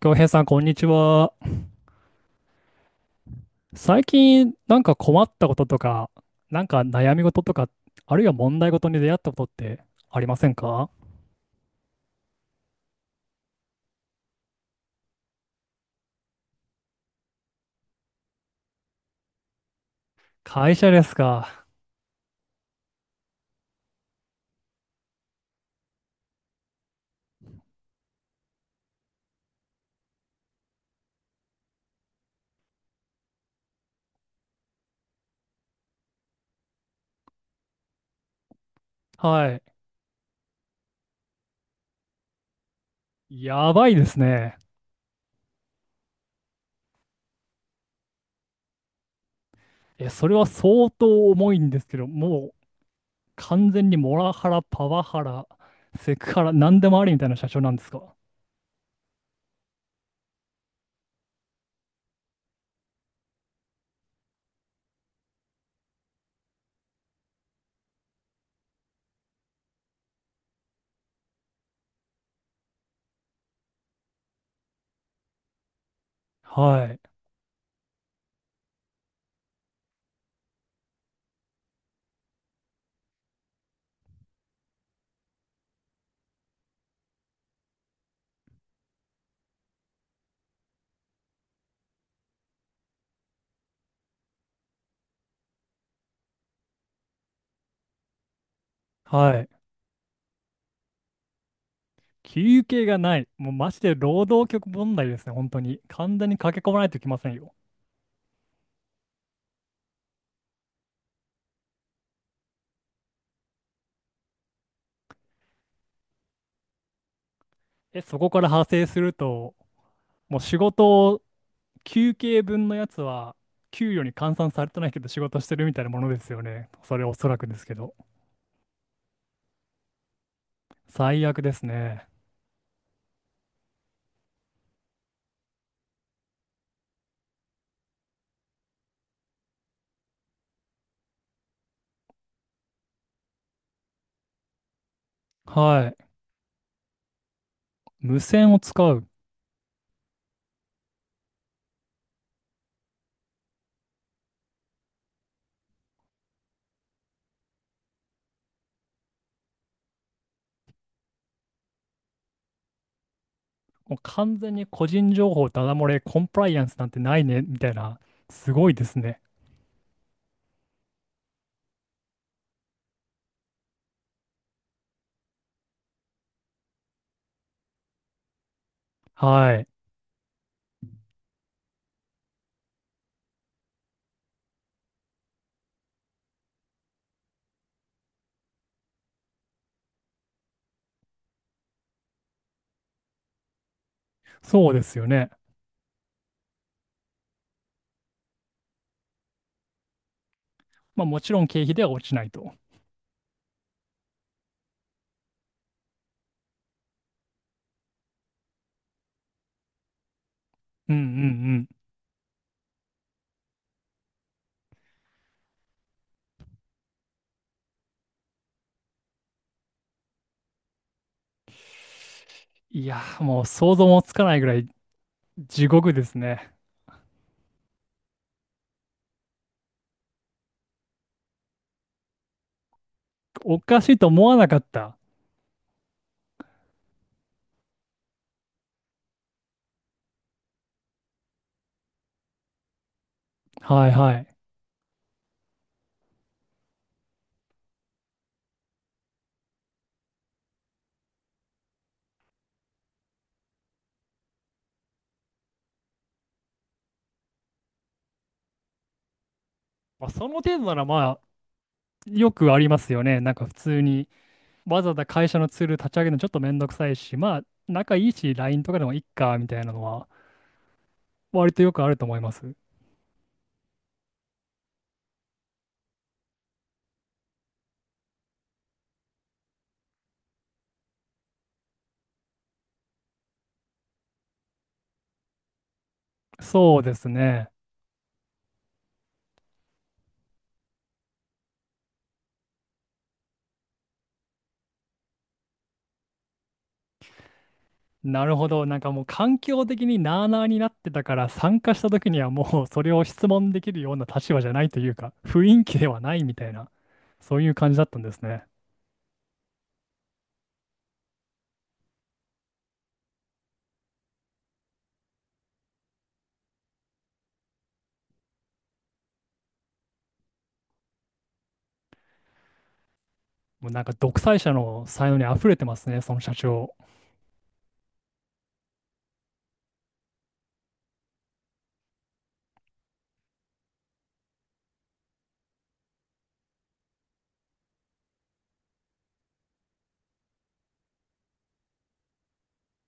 京平さん、こんにちは。最近、なんか困ったこととか、なんか悩み事とか、あるいは問題事に出会ったことってありませんか？会社ですか。はい。やばいですね。え、それは相当重いんですけど、もう完全にモラハラ、パワハラ、セクハラ、何でもありみたいな社長なんですか？はい。はい。休憩がない。もうマジで労働局問題ですね、本当に。完全に駆け込まないといけませんよ。え、そこから派生すると、もう仕事を、休憩分のやつは、給与に換算されてないけど仕事してるみたいなものですよね。それおそらくですけど。最悪ですね。はい。無線を使う。もう完全に個人情報ダダ漏れ、コンプライアンスなんてないね、みたいな。すごいですね。はい。そうですよね。まあもちろん経費では落ちないと。うんうんうん。いやー、もう想像もつかないぐらい地獄ですね。おかしいと思わなかった。はいはい。まあ、その程度ならよくありますよね。なんか普通にわざわざ会社のツール立ち上げるのちょっとめんどくさいし、まあ仲いいし LINE とかでもいっかみたいなのは割とよくあると思います。そうですね。なるほど。なんかもう環境的になあなあになってたから参加した時にはもうそれを質問できるような立場じゃないというか雰囲気ではないみたいな、そういう感じだったんですね。もうなんか独裁者の才能に溢れてますね、その社長。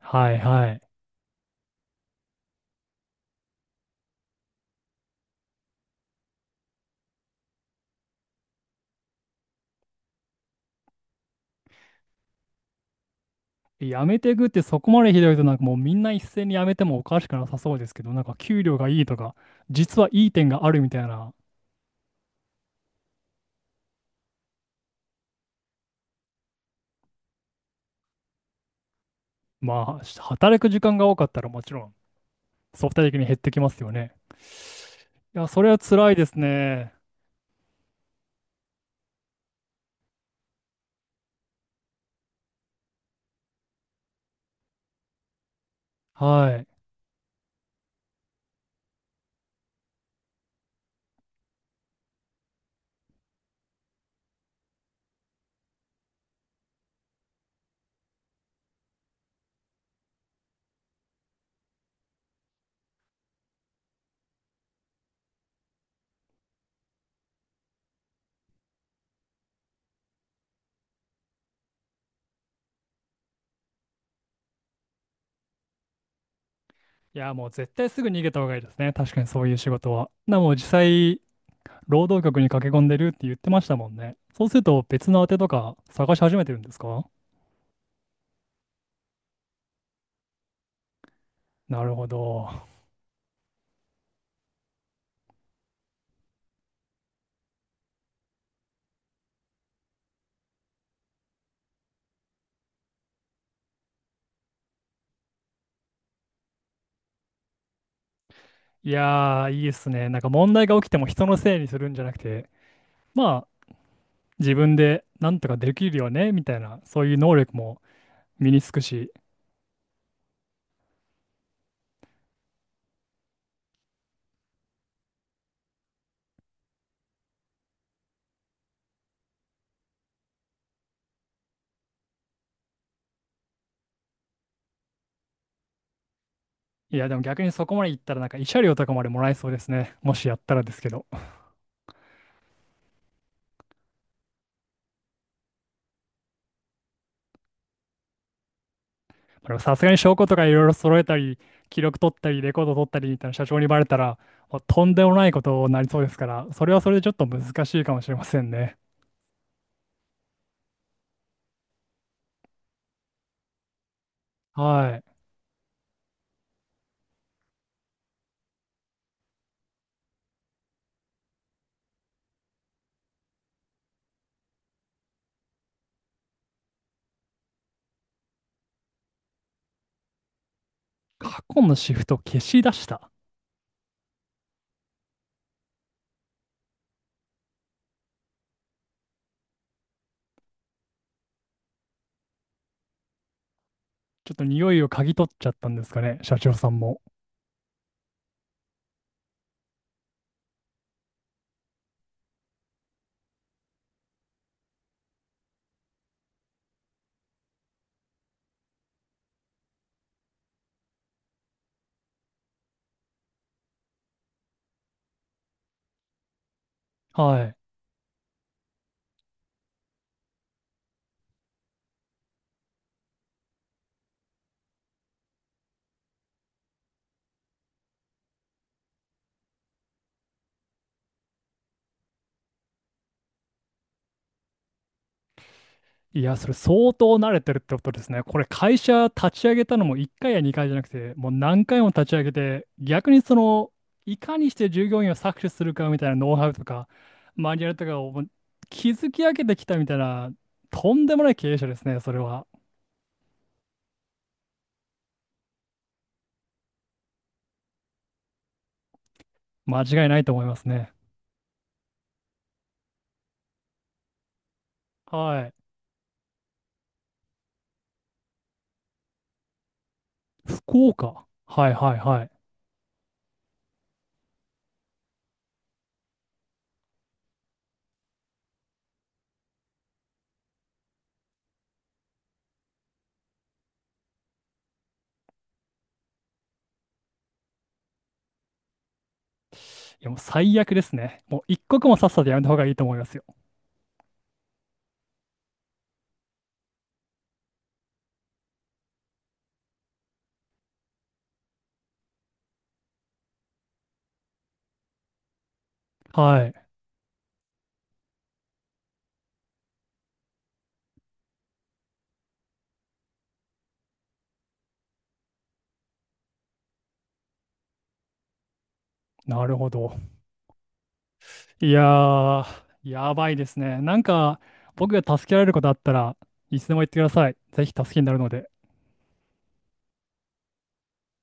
はいはい。やめていくってそこまでひどいとなんかもうみんな一斉にやめてもおかしくなさそうですけど、なんか給料がいいとか、実はいい点があるみたいな、まあ働く時間が多かったらもちろん相対的に減ってきますよね。いや、それは辛いですね。はい。いや、もう絶対すぐ逃げた方がいいですね。確かにそういう仕事は。な、もう実際、労働局に駆け込んでるって言ってましたもんね。そうすると別の宛てとか探し始めてるんですか？なるほど。いやー、いいですね。なんか問題が起きても人のせいにするんじゃなくて、まあ、自分でなんとかできるよね、みたいな、そういう能力も身につくし、いや、でも逆にそこまでいったら、なんか慰謝料とかまでもらえそうですね。もしやったらですけど。まあでもさすがに証拠とかいろいろ揃えたり、記録取ったり、レコード取ったりみたいな社長にバレたら、もうとんでもないことになりそうですから、それはそれでちょっと難しいかもしれませんね。はい。過去のシフト消し出した。ちょっと匂いを嗅ぎ取っちゃったんですかね、社長さんも。はい。いや、それ相当慣れてるってことですね。これ会社立ち上げたのも1回や2回じゃなくて、もう何回も立ち上げて、逆にその、いかにして従業員を搾取するかみたいなノウハウとか、マニュアルとかをもう築き上げてきたみたいな、とんでもない経営者ですね、それは。間違いないと思いますね。はい。福岡。はいはいはい。いや、もう最悪ですね。もう一刻もさっさとやめた方がいいと思いますよ。はい。なるほど。いやー、やばいですね。なんか、僕が助けられることあったらいつでも言ってください。ぜひ助けになるので。